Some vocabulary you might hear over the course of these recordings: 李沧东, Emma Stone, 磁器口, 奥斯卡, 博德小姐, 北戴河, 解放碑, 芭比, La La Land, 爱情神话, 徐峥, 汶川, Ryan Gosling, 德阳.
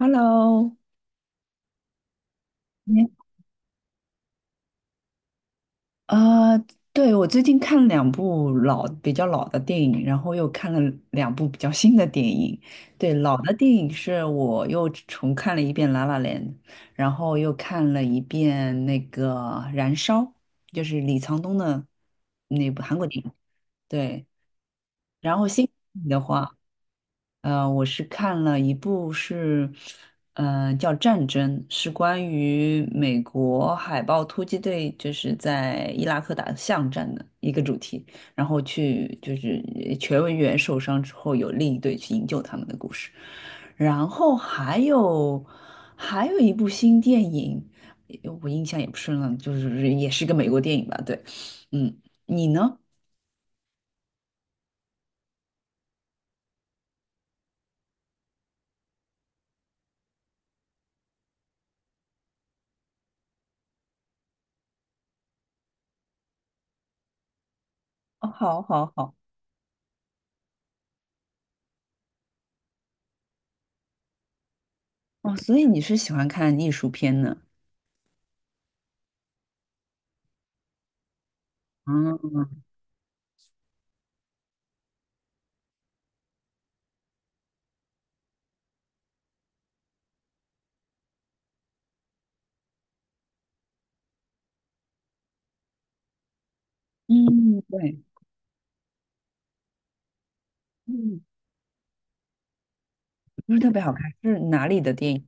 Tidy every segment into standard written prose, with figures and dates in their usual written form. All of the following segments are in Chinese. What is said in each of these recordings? Hello，你呃，对，我最近看了两部老比较老的电影，然后又看了两部比较新的电影。对，老的电影是我又重看了一遍《拉拉 l 然后又看了一遍那个《燃烧》，就是李沧东的那部韩国电影。对，然后新电影的话,我是看了一部,叫《战争》，是关于美国海豹突击队就是在伊拉克打巷战的一个主题，然后去就是全文员受伤之后，有另一队去营救他们的故事。然后还有一部新电影，我印象也不深了，就是也是个美国电影吧？对，嗯，你呢？哦，好，好，好。哦，所以你是喜欢看艺术片呢？嗯。嗯，对。嗯，不是特别好看，是哪里的电影？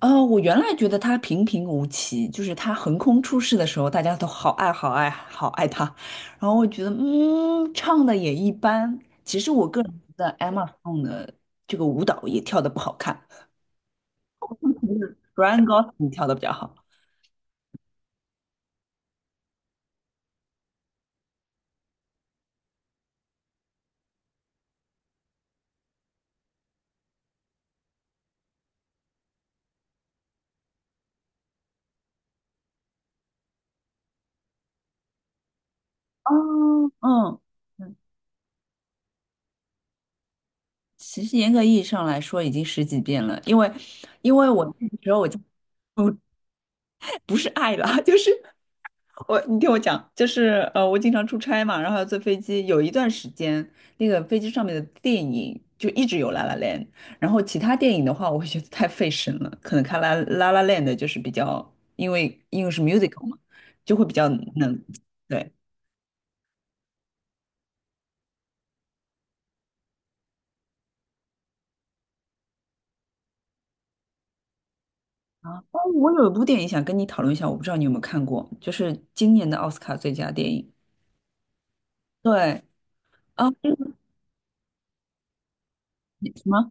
哦，我原来觉得它平平无奇，就是它横空出世的时候，大家都好爱好爱好爱它，然后我觉得嗯，唱的也一般。其实我个人觉得 Emma s o n e 的这个舞蹈也跳的不好看，Ryan g o s l i n 跳的比较好。哦，嗯嗯。其实严格意义上来说，已经十几遍了，因为我那个时候不是爱啦，就是你听我讲，我经常出差嘛，然后要坐飞机，有一段时间，那个飞机上面的电影就一直有《La La Land》，然后其他电影的话，我会觉得太费神了，可能看《La La La Land》就是比较，因为是 musical 嘛，就会比较能，对。啊，哦我有一部电影想跟你讨论一下，我不知道你有没有看过，就是今年的奥斯卡最佳电影。对啊，什么？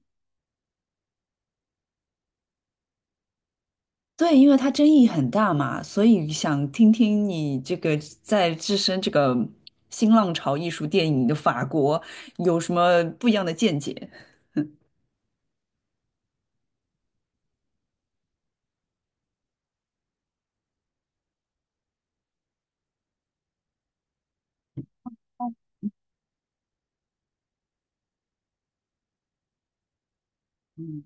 对，因为它争议很大嘛，所以想听听你这个置身这个新浪潮艺术电影的法国有什么不一样的见解？嗯，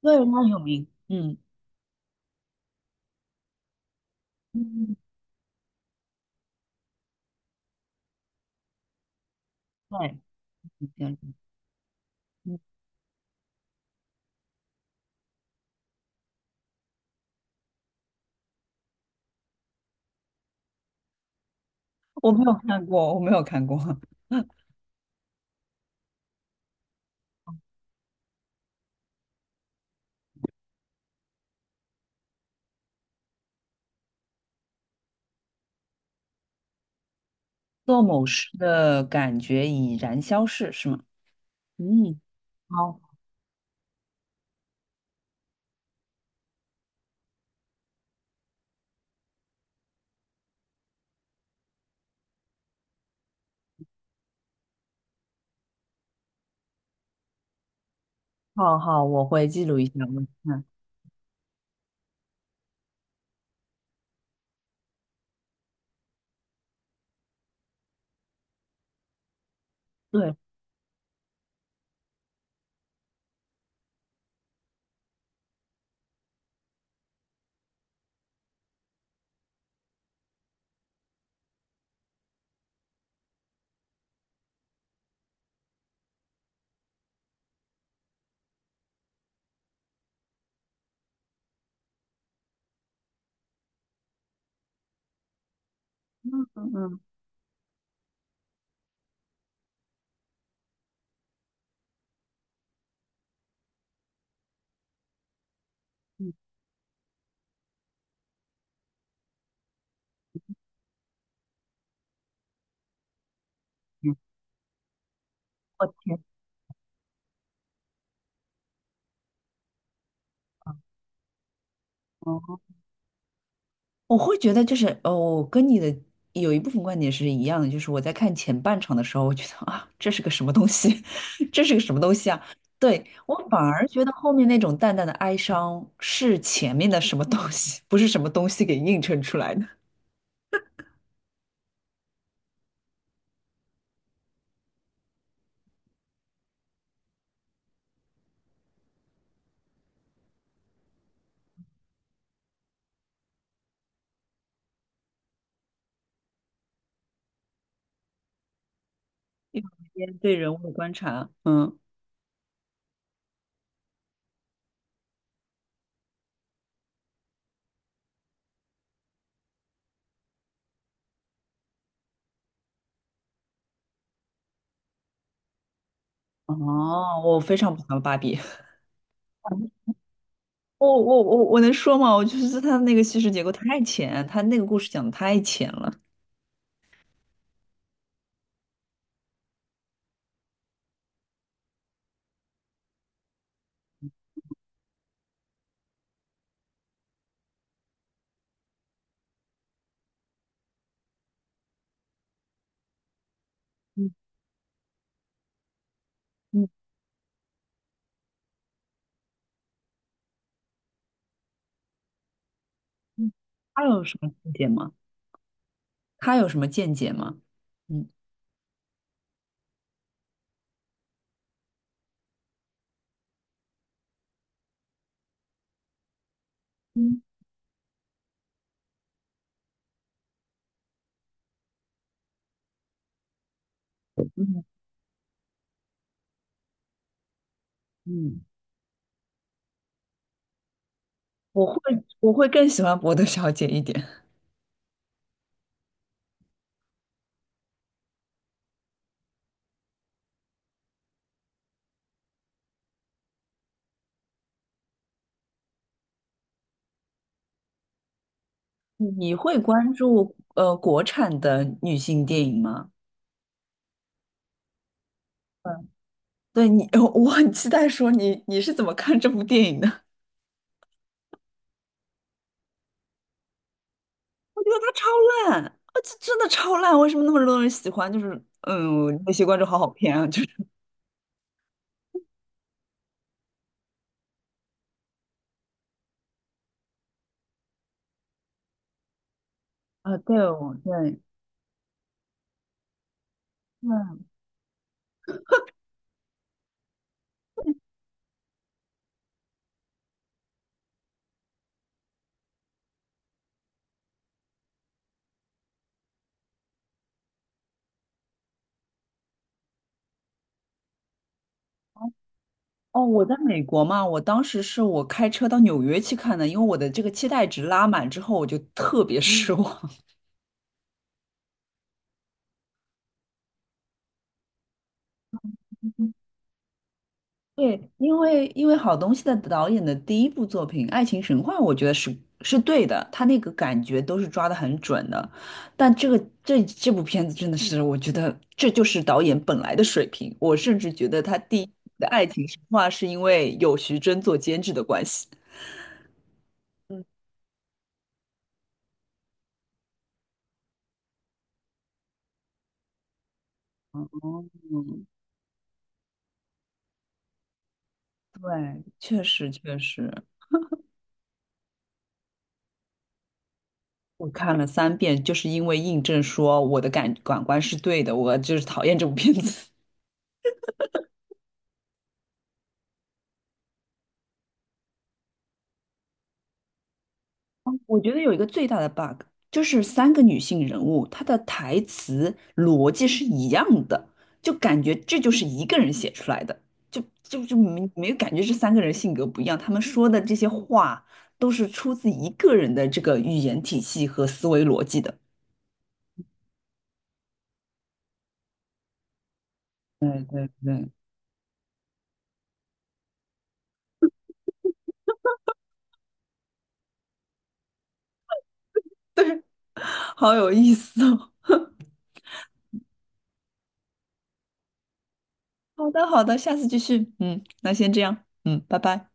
对，它很有名。嗯嗯，对。嗯，我没有看过，我没有看过。做某事的感觉已然消逝，是吗？嗯，好，好，好，我会记录一下，我看。对，嗯嗯嗯。我会觉得就是哦，跟你的有一部分观点是一样的，就是我在看前半场的时候，我觉得啊，这是个什么东西，这是个什么东西啊？对，我反而觉得后面那种淡淡的哀伤是前面的什么东西，不是什么东西给映衬出来的。一种间对人物的观察，嗯。哦，我非常不喜欢芭比，我能说吗？我就是他那个叙事结构太浅，他那个故事讲的太浅了。嗯嗯嗯，他有什么细节吗？他有什么见解吗？嗯嗯嗯。我会我会更喜欢博德小姐一点。你会关注国产的女性电影吗？嗯，对你，我很期待说你是怎么看这部电影的？我觉得它超烂，啊，这真的超烂，为什么那么多人喜欢？就是嗯，那些观众好好骗啊，就是啊，对哦，对。嗯，哦，我在美国嘛，我当时是我开车到纽约去看的，因为我的这个期待值拉满之后，我就特别失望。对，因为因为好东西的导演的第一部作品《爱情神话》，我觉得是是对的，他那个感觉都是抓得很准的。但这部片子真的是，我觉得这就是导演本来的水平。我甚至觉得他第一部的《爱情神话》是因为有徐峥做监制的关系。哦，对，确实我看了三遍，就是因为印证说我的感感官是对的，我就是讨厌这部片子。我觉得有一个最大的 bug，就是三个女性人物，她的台词逻辑是一样的，就感觉这就是一个人写出来的，就没有感觉这三个人性格不一样，他们说的这些话都是出自一个人的这个语言体系和思维逻辑的。对对，好有意思哦。好的，好的，下次继续。嗯，那先这样。嗯，拜拜。